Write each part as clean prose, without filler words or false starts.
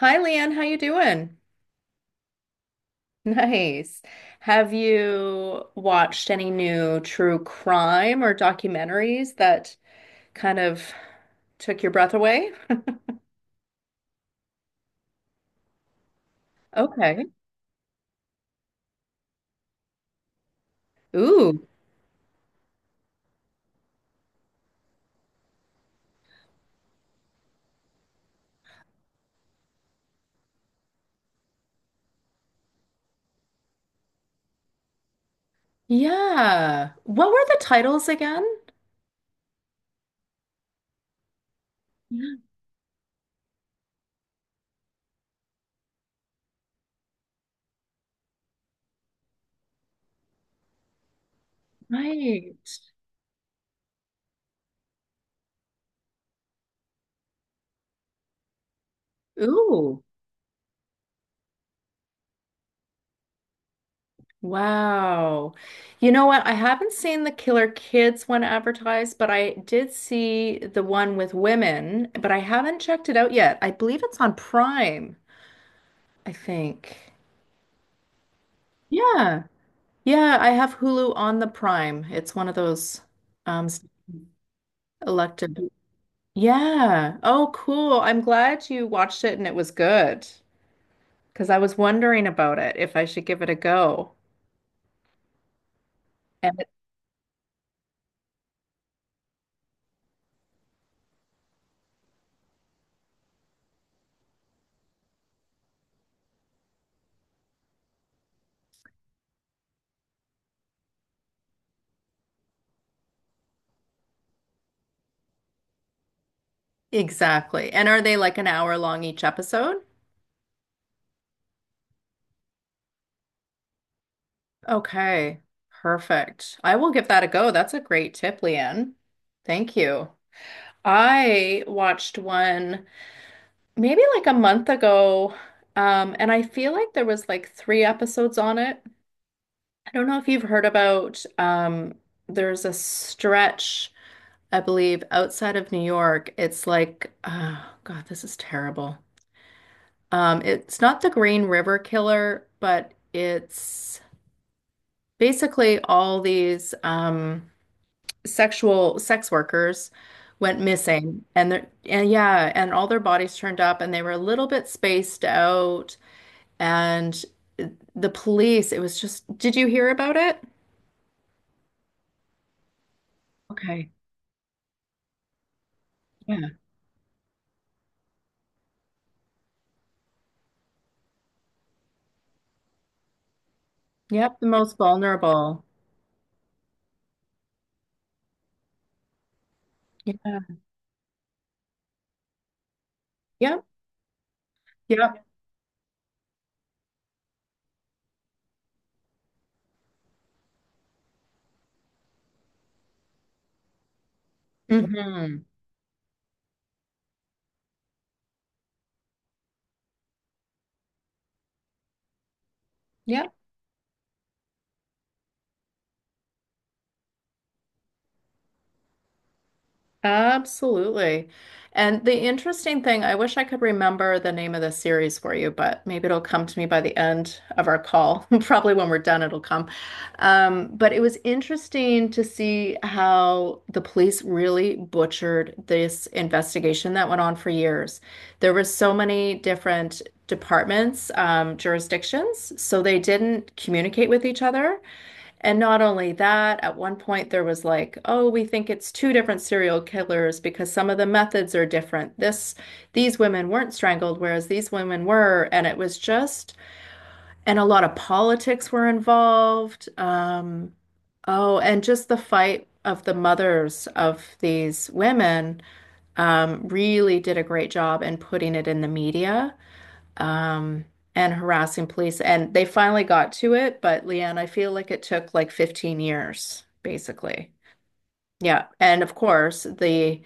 Hi, Leanne. How you doing? Nice. Have you watched any new true crime or documentaries that kind of took your breath away? Okay. Ooh. Yeah. What were the titles again? Yeah. Right. Ooh. Wow. You know what? I haven't seen the Killer Kids one advertised, but I did see the one with women, but I haven't checked it out yet. I believe it's on Prime, I think. Yeah. Yeah, I have Hulu on the Prime. It's one of those um s- elected. Yeah. Oh, cool. I'm glad you watched it and it was good because I was wondering about it if I should give it a go. And exactly. And are they like an hour long each episode? Okay. Perfect. I will give that a go. That's a great tip, Leanne. Thank you. I watched one maybe like a month ago. And I feel like there was like three episodes on it. I don't know if you've heard about there's a stretch, I believe, outside of New York. It's like, oh God, this is terrible. It's not the Green River Killer, but it's basically all these sexual sex workers went missing, and they're and yeah, and all their bodies turned up and they were a little bit spaced out. And the police, it was just, did you hear about it? Okay. Yeah. Yep, the most vulnerable. Yeah. Yep, yep. Hmm. Yep. Absolutely. And the interesting thing, I wish I could remember the name of the series for you, but maybe it'll come to me by the end of our call. Probably when we're done, it'll come. But it was interesting to see how the police really butchered this investigation that went on for years. There were so many different departments, jurisdictions, so they didn't communicate with each other. And not only that, at one point there was like, oh, we think it's two different serial killers because some of the methods are different. These women weren't strangled, whereas these women were. And it was just, and a lot of politics were involved. Oh, and just the fight of the mothers of these women really did a great job in putting it in the media, um, and harassing police. And they finally got to it, but Leanne, I feel like it took like 15 years, basically. Yeah. And of course, the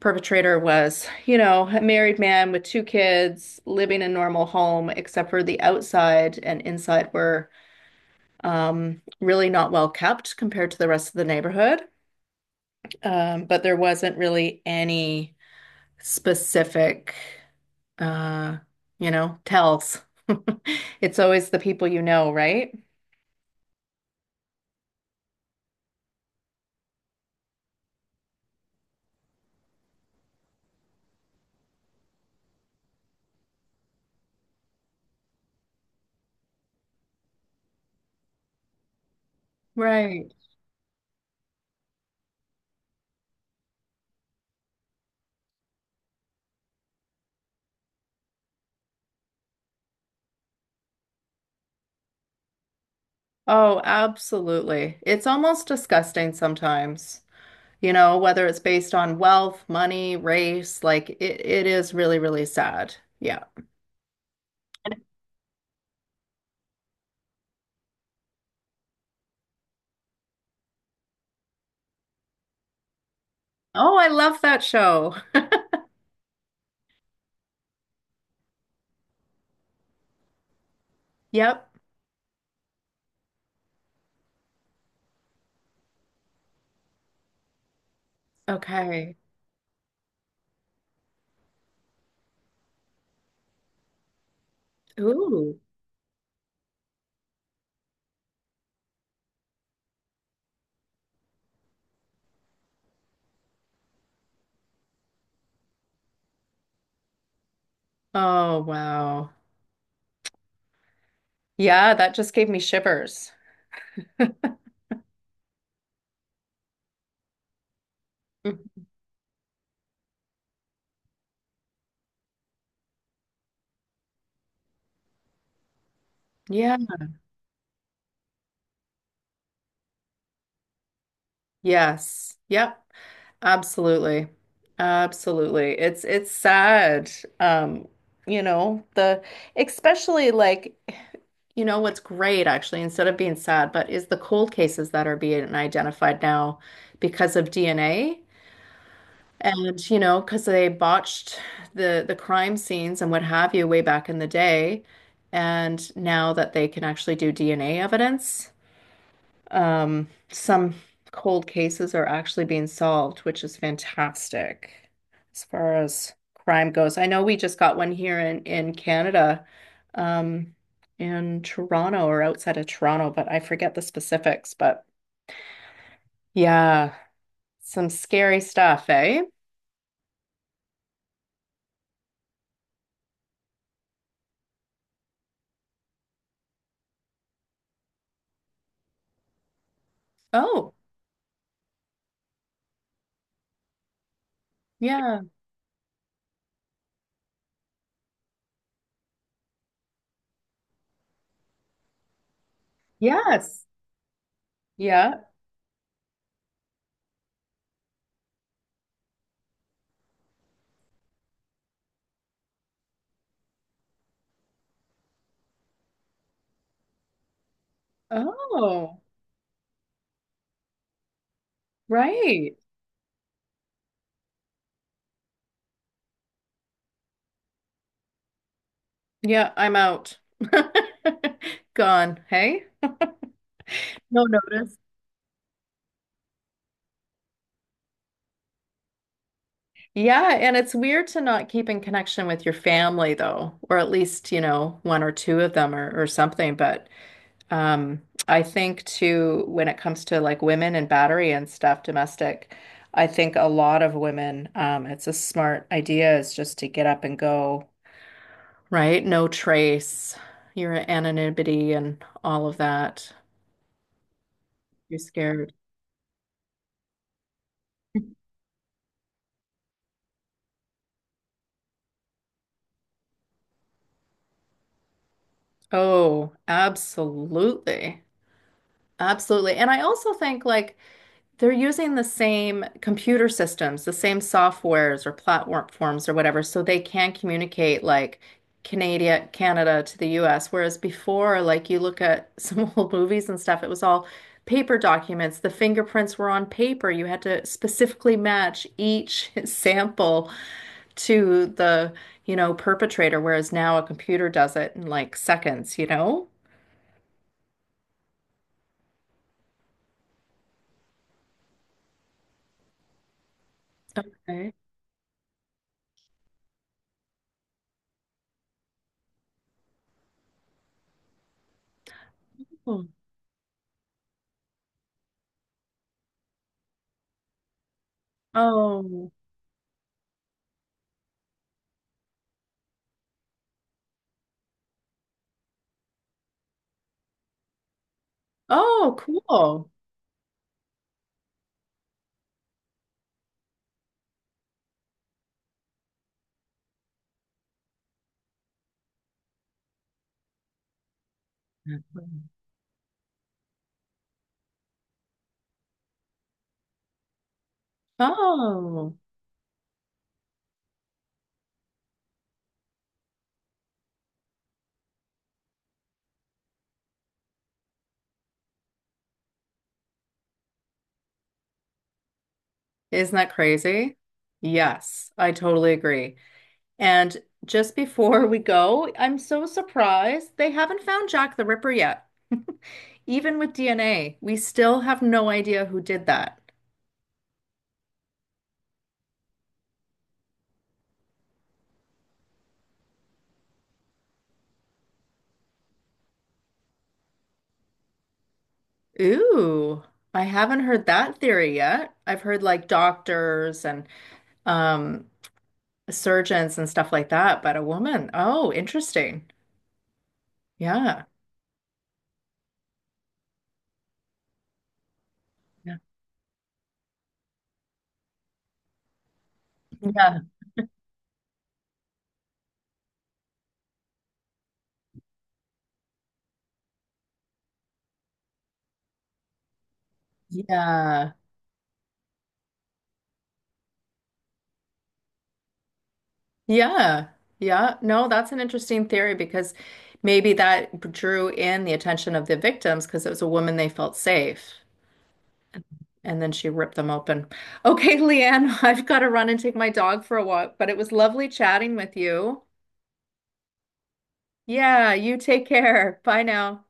perpetrator was, you know, a married man with two kids living a normal home, except for the outside and inside were, really not well kept compared to the rest of the neighborhood. But there wasn't really any specific, uh, you know, tells. It's always the people you know, right? Right. Oh, absolutely. It's almost disgusting sometimes, you know, whether it's based on wealth, money, race, it is really, really sad. Yeah. Oh, I love that show. Yep. Okay. Ooh. Oh, wow. Yeah, that just gave me shivers. Mhm. Yeah. Yes. Yep. Absolutely. Absolutely. It's sad. Um, the especially like what's great actually instead of being sad, but is the cold cases that are being identified now because of DNA, and you know because they botched the crime scenes and what have you way back in the day, and now that they can actually do DNA evidence. Some cold cases are actually being solved, which is fantastic as far as crime goes. I know we just got one here in Canada, um, in Toronto or outside of Toronto, but I forget the specifics. But yeah, some scary stuff, eh? Oh, yeah. Yes. Yeah. Oh, right. Yeah, I'm out. Gone, hey? No notice. Yeah, and it's weird to not keep in connection with your family though, or at least, you know, one or two of them, or something. But um, I think too, when it comes to like women and battery and stuff, domestic, I think a lot of women, it's a smart idea is just to get up and go, right? No trace, your anonymity and all of that. You're scared. Oh, absolutely. Absolutely. And I also think like they're using the same computer systems, the same softwares or platforms or whatever, so they can communicate like Canada to the US. Whereas before, like you look at some old movies and stuff, it was all paper documents. The fingerprints were on paper. You had to specifically match each sample to the, you know, perpetrator, whereas now a computer does it in like seconds, you know? Okay. Oh. Oh, oh, cool. Oh, isn't that crazy? Yes, I totally agree. And just before we go, I'm so surprised they haven't found Jack the Ripper yet. Even with DNA, we still have no idea who did that. Ooh, I haven't heard that theory yet. I've heard like doctors and, um surgeons and stuff like that, but a woman. Oh, interesting. Yeah. Yeah. Yeah. Yeah. Yeah. Yeah. No, that's an interesting theory because maybe that drew in the attention of the victims because it was a woman, they felt safe. And then she ripped them open. Okay, Leanne, I've got to run and take my dog for a walk, but it was lovely chatting with you. Yeah, you take care. Bye now.